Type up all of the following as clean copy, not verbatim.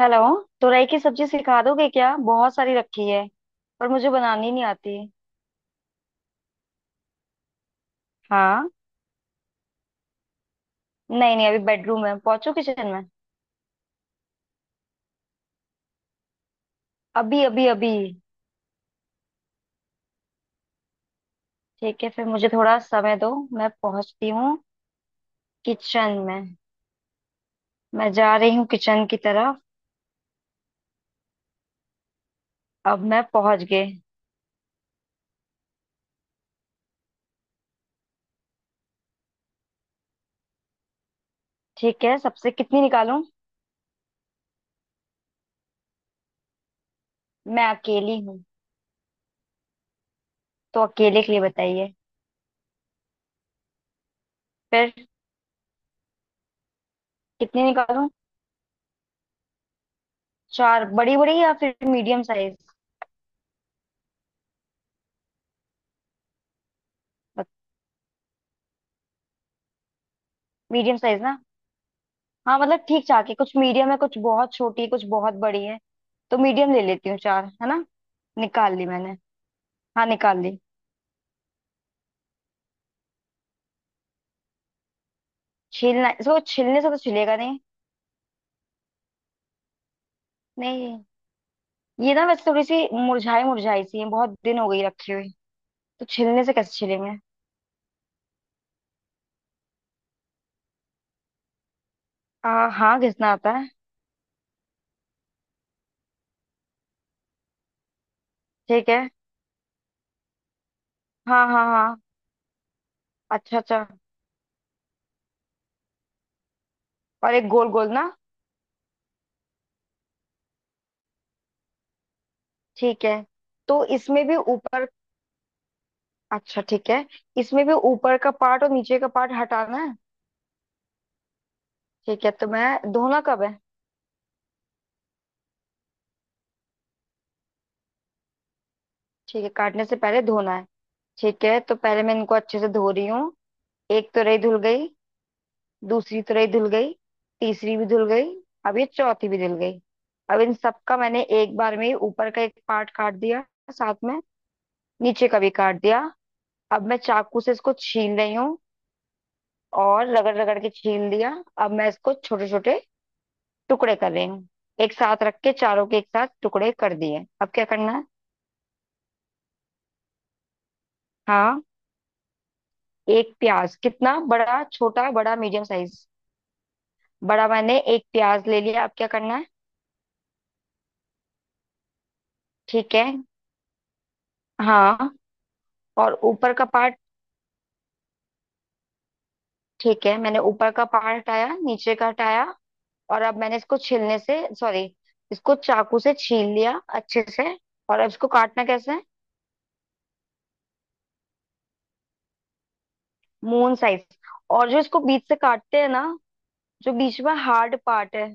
Hello. तुरई की सब्जी सिखा दोगे क्या? बहुत सारी रखी है पर मुझे बनानी नहीं आती। हाँ। नहीं नहीं, अभी बेडरूम में, पहुंचू किचन में। अभी अभी अभी। ठीक है, फिर मुझे थोड़ा समय दो। मैं पहुंचती हूँ किचन में। मैं जा रही हूँ किचन की तरफ। अब मैं पहुंच गई। ठीक है, सबसे कितनी निकालूं? मैं अकेली हूँ, तो अकेले के लिए बताइए। फिर कितनी निकालूं? चार बड़ी बड़ी या फिर मीडियम साइज? मीडियम साइज ना? हाँ, मतलब ठीक ठाक है, कुछ मीडियम है, कुछ बहुत छोटी है, कुछ बहुत बड़ी है। तो मीडियम ले लेती हूँ, चार है ना। निकाल ली मैंने। हाँ निकाल ली। छीलना? इसको छीलने से तो छिलेगा नहीं। नहीं, ये ना वैसे थोड़ी सी मुरझाई मुरझाई सी है, बहुत दिन हो गई रखी हुई। तो छिलने से कैसे छिलेंगे? आ हाँ, घिसना आता है। ठीक है। हाँ हाँ हाँ। अच्छा अच्छा। और एक गोल गोल ना। ठीक है, तो इसमें भी ऊपर। अच्छा, ठीक है। इसमें भी ऊपर का पार्ट और नीचे का पार्ट हटाना है। ठीक है, तो मैं धोना कब है? ठीक है, काटने से पहले धोना है। ठीक है, तो पहले मैं इनको अच्छे से धो रही हूँ। एक तुरई धुल गई। दूसरी तुरई धुल गई। तीसरी भी धुल गई। अब ये चौथी भी धुल गई। अब इन सबका मैंने एक बार में ही ऊपर का एक पार्ट काट दिया, साथ में नीचे का भी काट दिया। अब मैं चाकू से इसको छील रही हूँ, और रगड़ रगड़ के छील दिया। अब मैं इसको छोटे छोटे टुकड़े कर रही हूँ। एक साथ रख के चारों के एक साथ टुकड़े कर दिए। अब क्या करना है? हाँ। एक प्याज कितना बड़ा, छोटा, बड़ा, मीडियम साइज? बड़ा। मैंने एक प्याज ले लिया, अब क्या करना है? ठीक है। हाँ, और ऊपर का पार्ट। ठीक है, मैंने ऊपर का पार्ट हटाया, नीचे का हटाया। और अब मैंने इसको छीलने से, सॉरी, इसको चाकू से छील लिया अच्छे से। और अब इसको काटना कैसे है? Moon size. और जो इसको बीच से काटते हैं ना, जो बीच में हार्ड पार्ट है,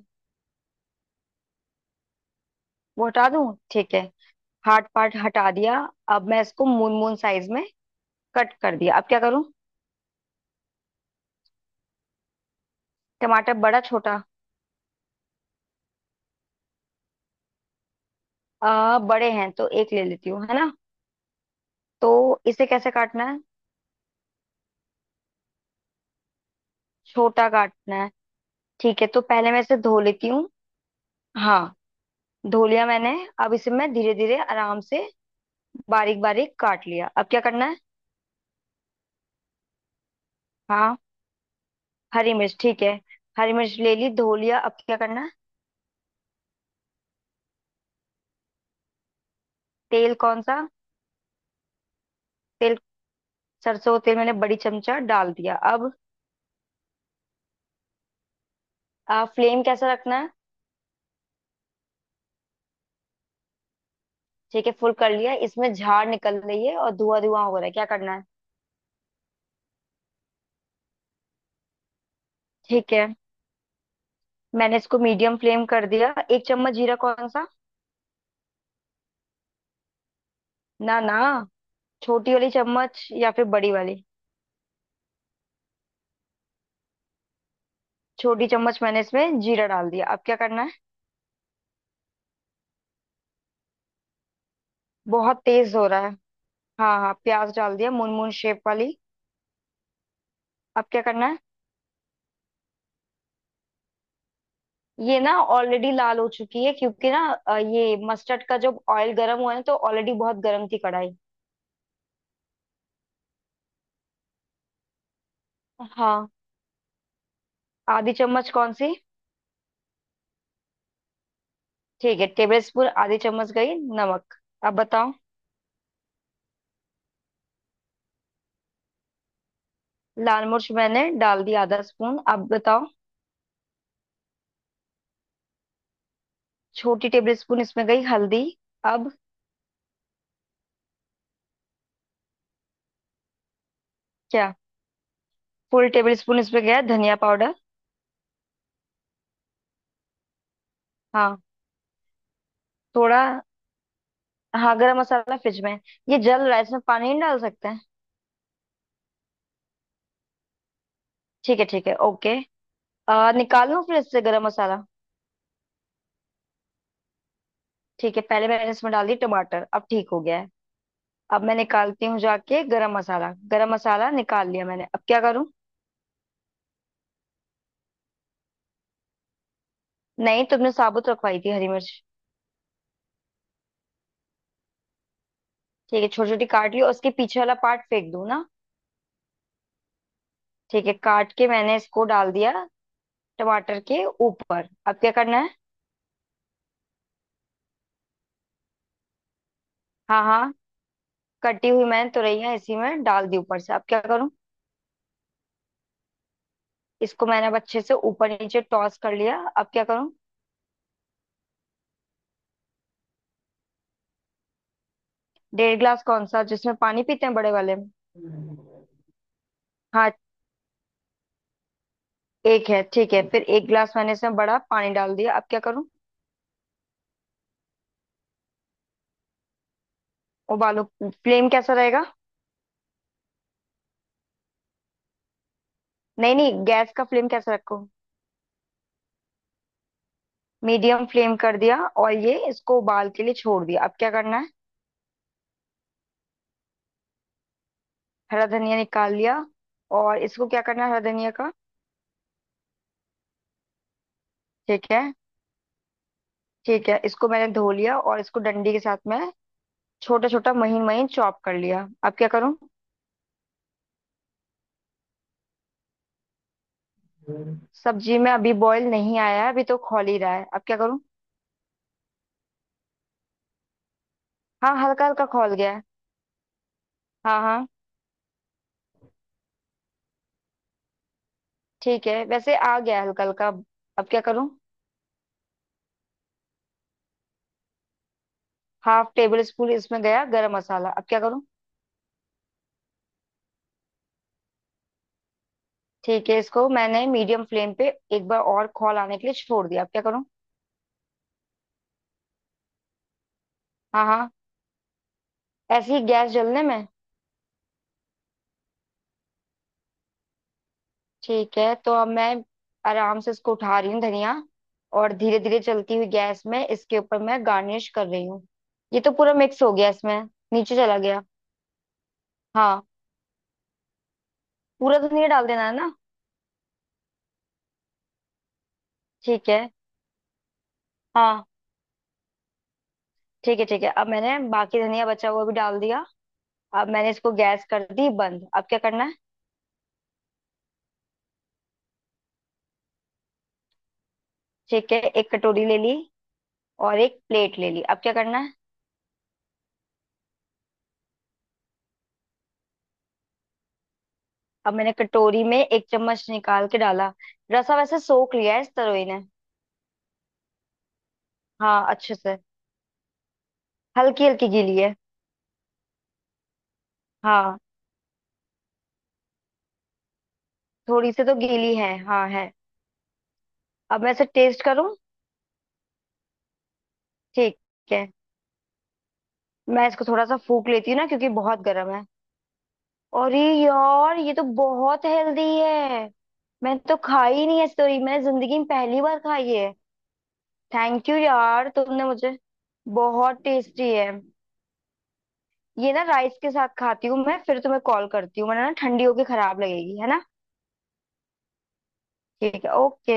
वो हटा दूं? ठीक है। हार्ड पार्ट हटा दिया। अब मैं इसको मून मून साइज में कट कर दिया, अब क्या करूं? टमाटर बड़ा छोटा? बड़े हैं तो एक ले लेती हूँ, है ना। तो इसे कैसे काटना है? छोटा काटना है। ठीक है, तो पहले मैं इसे धो लेती हूँ। हाँ, धो लिया मैंने। अब इसे मैं धीरे धीरे आराम से बारीक बारीक काट लिया, अब क्या करना है? हाँ। हरी मिर्च, ठीक है। हरी मिर्च ले ली, धो लिया, अब क्या करना है? तेल कौन सा? तेल, सरसों का तेल मैंने बड़ी चमचा डाल दिया, अब? फ्लेम कैसा रखना है? ठीक है, फुल कर लिया। इसमें झाड़ निकल रही है और धुआं धुआं हो रहा है, क्या करना है? ठीक है, मैंने इसको मीडियम फ्लेम कर दिया। एक चम्मच जीरा कौन सा? ना ना, छोटी वाली चम्मच या फिर बड़ी वाली? छोटी चम्मच मैंने इसमें जीरा डाल दिया, अब क्या करना है? बहुत तेज हो रहा है। हाँ हाँ, प्याज डाल दिया, मून मून शेप वाली। अब क्या करना है? ये ना ऑलरेडी लाल हो चुकी है, क्योंकि ना, ये मस्टर्ड का जब ऑयल गर्म हुआ है ना, तो ऑलरेडी बहुत गर्म थी कढ़ाई। हाँ। आधी चम्मच कौन सी? ठीक है, टेबल स्पून आधी चम्मच गई नमक। अब बताओ। लाल मिर्च मैंने डाल दी, आधा स्पून, अब बताओ। छोटी टेबल स्पून इसमें गई हल्दी। अब क्या? फुल टेबल स्पून इसमें गया धनिया पाउडर। हाँ। थोड़ा। हाँ, गरम मसाला फ्रिज में है। ये जल रहा है, इसमें पानी नहीं डाल सकते हैं? ठीक है ठीक है, ओके। निकाल लूँ फ्रिज से गरम मसाला? ठीक है, पहले मैंने इसमें डाल दी टमाटर, अब ठीक हो गया है। अब मैं निकालती हूँ जाके गरम मसाला। गरम मसाला निकाल लिया मैंने, अब क्या करूँ? नहीं, तुमने साबुत रखवाई थी हरी मिर्च। ठीक है, छोटी छोटी काट ली और उसके पीछे वाला पार्ट फेंक दूँ ना? ठीक है, काट के मैंने इसको डाल दिया टमाटर के ऊपर, अब क्या करना है? हाँ हाँ, कटी हुई मैंने तुरैया इसी में डाल दी ऊपर से, अब क्या करूँ? इसको मैंने अब अच्छे से ऊपर नीचे टॉस कर लिया, अब क्या करूं? डेढ़ ग्लास कौन सा, जिसमें पानी पीते हैं बड़े वाले में? हाँ, एक है, ठीक है, फिर एक ग्लास मैंने इसमें बड़ा पानी डाल दिया, अब क्या करूं? उबालो? फ्लेम कैसा रहेगा? नहीं नहीं, गैस का फ्लेम कैसा रखो? मीडियम फ्लेम कर दिया और ये इसको उबाल के लिए छोड़ दिया, अब क्या करना है? हरा धनिया निकाल लिया, और इसको क्या करना है हरा धनिया का? ठीक है, ठीक है, इसको मैंने धो लिया और इसको डंडी के साथ में छोटा छोटा महीन महीन चॉप कर लिया, अब क्या करूं? हम्म। सब्जी में अभी बॉईल नहीं आया है, अभी तो खौल ही रहा है, अब क्या करूं? हाँ, हल्का हल्का खौल गया है। हाँ हाँ। ठीक है, वैसे आ गया है हल्का हल्का, अब क्या करूं? हाफ टेबल स्पून इसमें गया गरम मसाला, अब क्या करूं? ठीक है, इसको मैंने मीडियम फ्लेम पे एक बार और खौल आने के लिए छोड़ दिया, अब क्या करूं? हाँ हाँ, ऐसे ही गैस जलने में? ठीक है, तो अब मैं आराम से इसको उठा रही हूँ धनिया, और धीरे धीरे चलती हुई गैस में इसके ऊपर मैं गार्निश कर रही हूँ। ये तो पूरा मिक्स हो गया इसमें, नीचे चला गया। हाँ, पूरा धनिया डाल देना है ना? ठीक है। हाँ। ठीक है ठीक है, अब मैंने बाकी धनिया बचा हुआ भी डाल दिया। अब मैंने इसको गैस कर दी बंद, अब क्या करना है? ठीक है, एक कटोरी ले ली और एक प्लेट ले ली, अब क्या करना है? अब मैंने कटोरी में एक चम्मच निकाल के डाला। रसा वैसे सोख लिया है इस तरोई ने। हाँ, अच्छे से हल्की हल्की गीली है। हाँ, थोड़ी सी तो गीली है हाँ, है। अब मैं इसे टेस्ट करूँ? ठीक है। मैं इसको थोड़ा सा फूक लेती हूँ ना, क्योंकि बहुत गर्म है। अरे यार, ये तो बहुत हेल्दी है। मैं तो खाई ही नहीं है, सॉरी, मैंने जिंदगी में पहली बार खाई है। थैंक यू यार, तुमने मुझे, बहुत टेस्टी है। ये ना राइस के साथ खाती हूँ मैं, फिर तुम्हें कॉल करती हूँ, वरना ना ठंडी होके खराब लगेगी, है ना। ठीक है, ओके।